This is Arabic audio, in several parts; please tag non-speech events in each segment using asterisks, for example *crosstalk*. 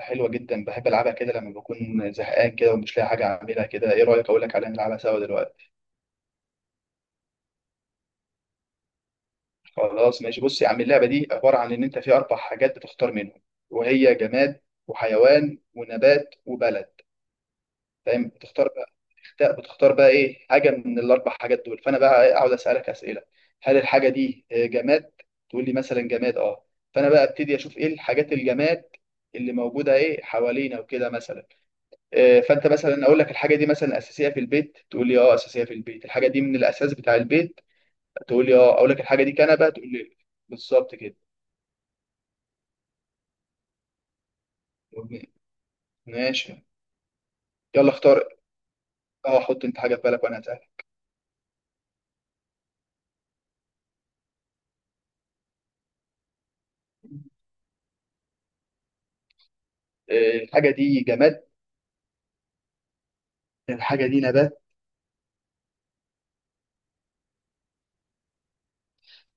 حلوة جدا، بحب ألعبها كده لما بكون زهقان كده ومش لاقي حاجة أعملها كده. إيه رأيك أقول لك عليها نلعبها سوا دلوقتي؟ خلاص ماشي، بص يا عم، اللعبة دي عبارة عن إن أنت في أربع حاجات بتختار منهم، وهي جماد وحيوان ونبات وبلد. فاهم؟ بتختار بقى بتختار بقى إيه حاجة من الأربع حاجات دول. فأنا بقى إيه، أقعد أسألك أسئلة. هل الحاجة دي جماد؟ تقول لي مثلا جماد أه. فأنا بقى أبتدي أشوف إيه الحاجات الجماد اللي موجودة إيه حوالينا وكده مثلا. فانت مثلا اقول لك الحاجه دي مثلا اساسيه في البيت، تقول لي اه اساسيه في البيت، الحاجه دي من الاساس بتاع البيت، تقول لي اه، اقول لك الحاجه دي كنبه، تقول لي بالظبط كده. ماشي. يلا اختار. اه، حط انت حاجه في بالك وانا هسألك. الحاجه دي جماد؟ الحاجه دي نبات؟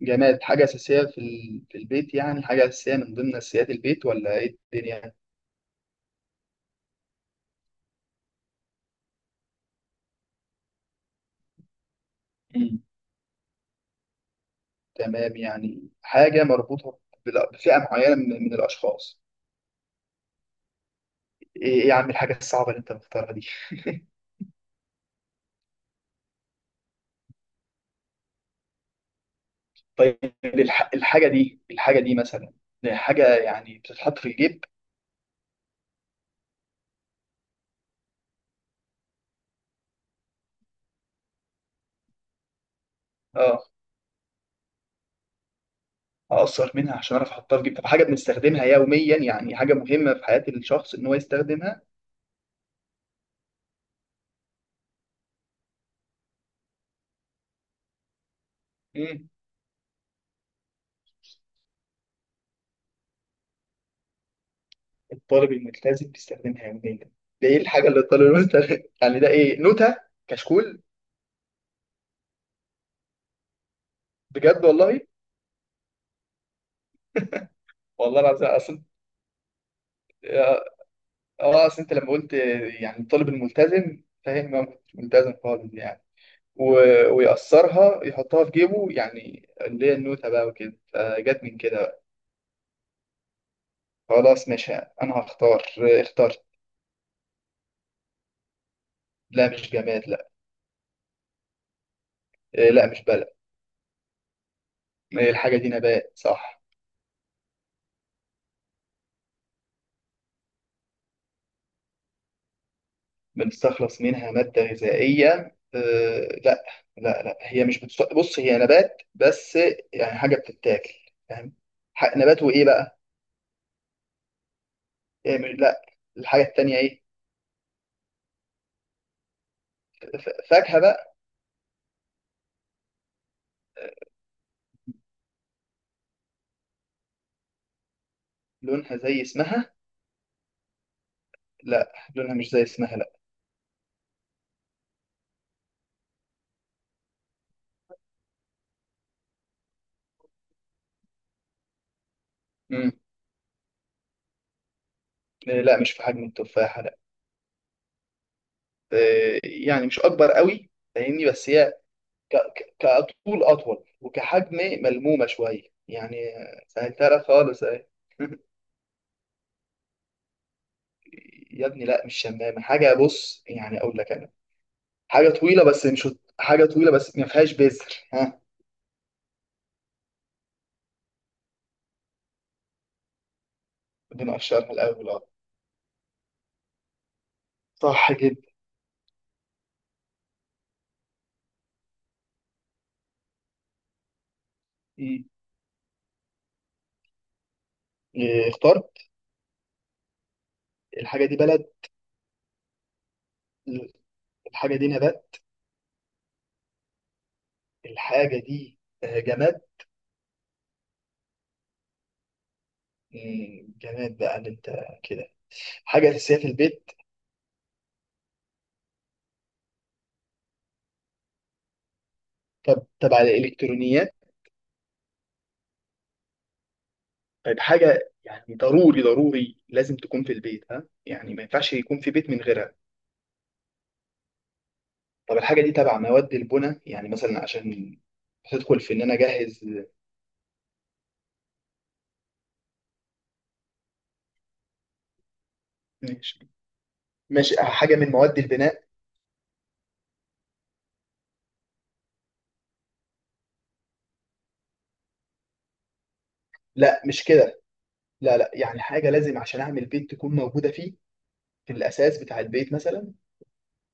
جماد حاجه اساسيه في في البيت؟ يعني حاجه اساسيه من ضمن اساسيات البيت ولا ايه الدنيا؟ *laughs* مم. تمام، يعني حاجه مربوطه بفئه معينه من الاشخاص. ايه إيه يا عم الحاجه الصعبه اللي انت مختارها دي؟ طيب الحاجة دي مثلا دي حاجة يعني بتتحط في الجيب. اه، أقصر منها عشان أعرف أحطها في الجيب. طب حاجة بنستخدمها يوميا، يعني حاجة مهمة في حياة الشخص إن هو يستخدمها. مم. الطالب الملتزم بيستخدمها يوميا؟ ده إيه الحاجة اللي الطالب الملتزم *laughs* يعني ده إيه، نوتة؟ كشكول؟ بجد والله. والله العظيم أصل. آه، أصل أنت لما قلت يعني الطالب الملتزم، فاهم، هو مش ملتزم خالص يعني ويقصرها يحطها في جيبه، يعني اللي هي النوتة بقى وكده، فجت من كده بقى. خلاص ماشي، أنا هختار. اخترت. لا مش جماد، لا. إيه، لا مش بلد. إيه، الحاجة دي نبات صح. بنستخلص منها مادة غذائية؟ إيه، لا. لا لا، هي مش بتص... بص هي نبات بس، يعني حاجة بتتاكل، فاهم؟ نبات وإيه بقى؟ إيه مش... لا. الحاجة التانية إيه؟ فاكهة بقى. لونها زي اسمها؟ لا، لونها مش زي اسمها لا. مم. إيه، لا مش في حجم التفاحة. آه، يعني مش اكبر قوي، فاهمني؟ بس هي كطول اطول وكحجم ملمومه شويه، يعني آه، سهلتها لك خالص اهي. *laughs* يا ابني لا مش شمامه، حاجه بص، يعني اقول لك انا حاجه طويله بس مش حاجه طويله بس ما فيهاش بذر. ها؟ بنقشرها الاول اه. صح جدا. مم. إيه، اخترت. الحاجه دي بلد؟ الحاجه دي نبات؟ الحاجه دي جماد؟ مم، جماد بقى اللي انت كده. حاجه اساسيه في البيت؟ طب تبع الالكترونيات؟ طيب حاجة يعني ضروري ضروري لازم تكون في البيت، ها، يعني ما ينفعش يكون في بيت من غيرها. طب الحاجة دي تبع مواد البناء، يعني مثلا عشان تدخل في ان انا اجهز؟ ماشي. ماشي، حاجة من مواد البناء؟ لا مش كده، لا لا، يعني حاجة لازم عشان اعمل بيت تكون موجودة فيه، في الاساس بتاع البيت مثلا.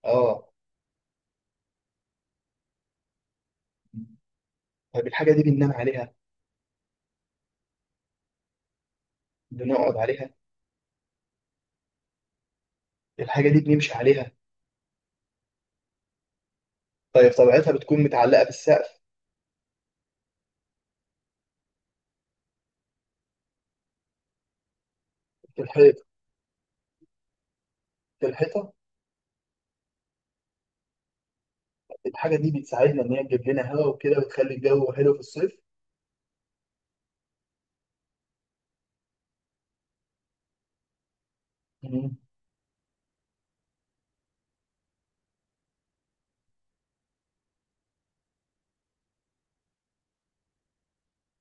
اه. طيب الحاجة دي بننام عليها؟ بنقعد عليها؟ الحاجة دي بنمشي عليها؟ طيب طبيعتها بتكون متعلقة في السقف؟ في الحيط؟ في الحيطة؟ الحاجه دي بتساعدنا ان هي تجيب لنا هواء وكده وتخلي الجو حلو في الصيف؟ مم.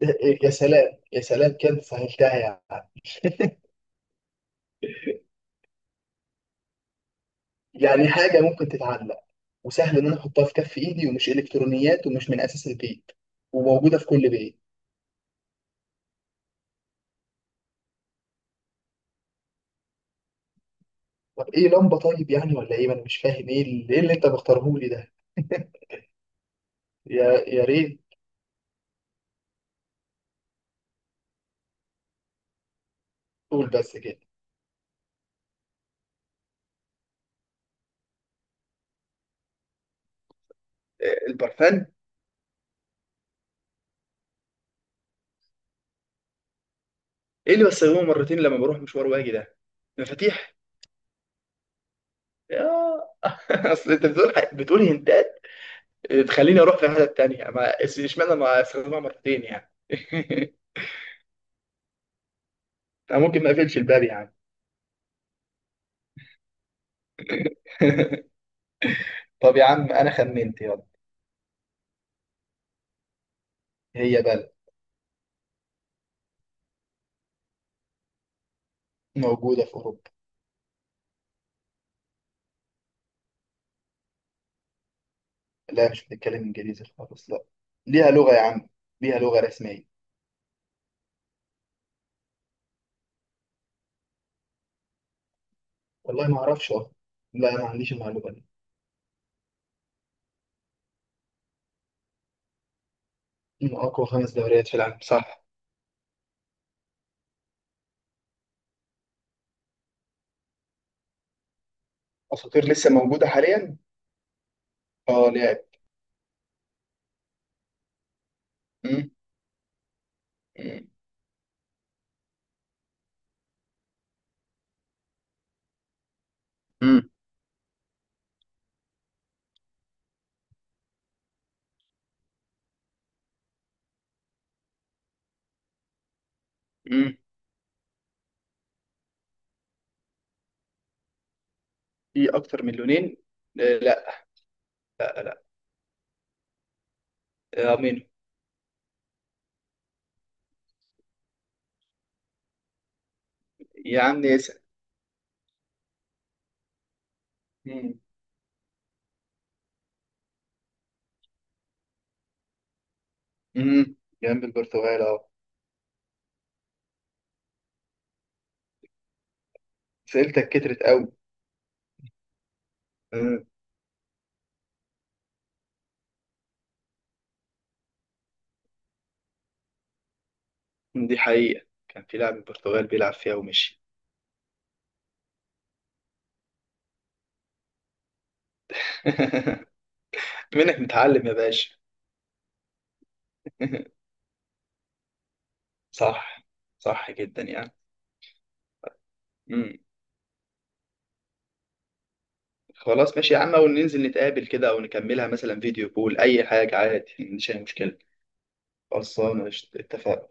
ده- يا سلام يا سلام، كانت سهلتها يعني. *laughs* يعني حاجه ممكن تتعلق وسهل ان انا احطها في كف ايدي ومش الكترونيات ومش من اساس البيت وموجوده في كل بيت. طب ايه، لمبه طيب، يعني ولا ايه؟ ما انا مش فاهم ايه اللي، إيه اللي انت مختاره لي ده؟ يا يا ريت. قول بس كده. آه، البرفان؟ ايه اللي بستخدمه مرتين لما بروح مشوار واجي ده؟ مفاتيح؟ يا *laughs* اصل انت بتقول بتقول هنتات تخليني اروح في حته تانية، ما اشمعنى ما استخدمها مرتين يعني. *laughs* انا ممكن ما اقفلش الباب يعني. طب يا عم انا خمنت، يلا. هي بلد؟ موجوده في اوروبا؟ لا مش بتتكلم انجليزي خالص، لا. ليها لغه يا عم، ليها لغه رسميه. والله ما اعرفش أهو. لا ما عنديش المعلومه دي. من اقوى 5 دوريات في العالم صح. اساطير لسه موجوده حاليا؟ اه لعب. مم. مم. مم. مم. في اكتر من لونين؟ آه، لا لا لا. آه، مين؟ يا عم اسال. مم. مم. جنب البرتغال اهو. سئلتك كترت قوي. مم. دي حقيقة، كان في لاعب من البرتغال بيلعب فيها ومشي. *laughs* منك متعلم يا باشا. *laughs* صح. صح جدا يعني. مم. خلاص ماشي يا عم، او ننزل نتقابل كده او نكملها مثلا فيديو كول، اي حاجة عادي، مش أي مشكلة. خلصانة قشطة. اتفقنا.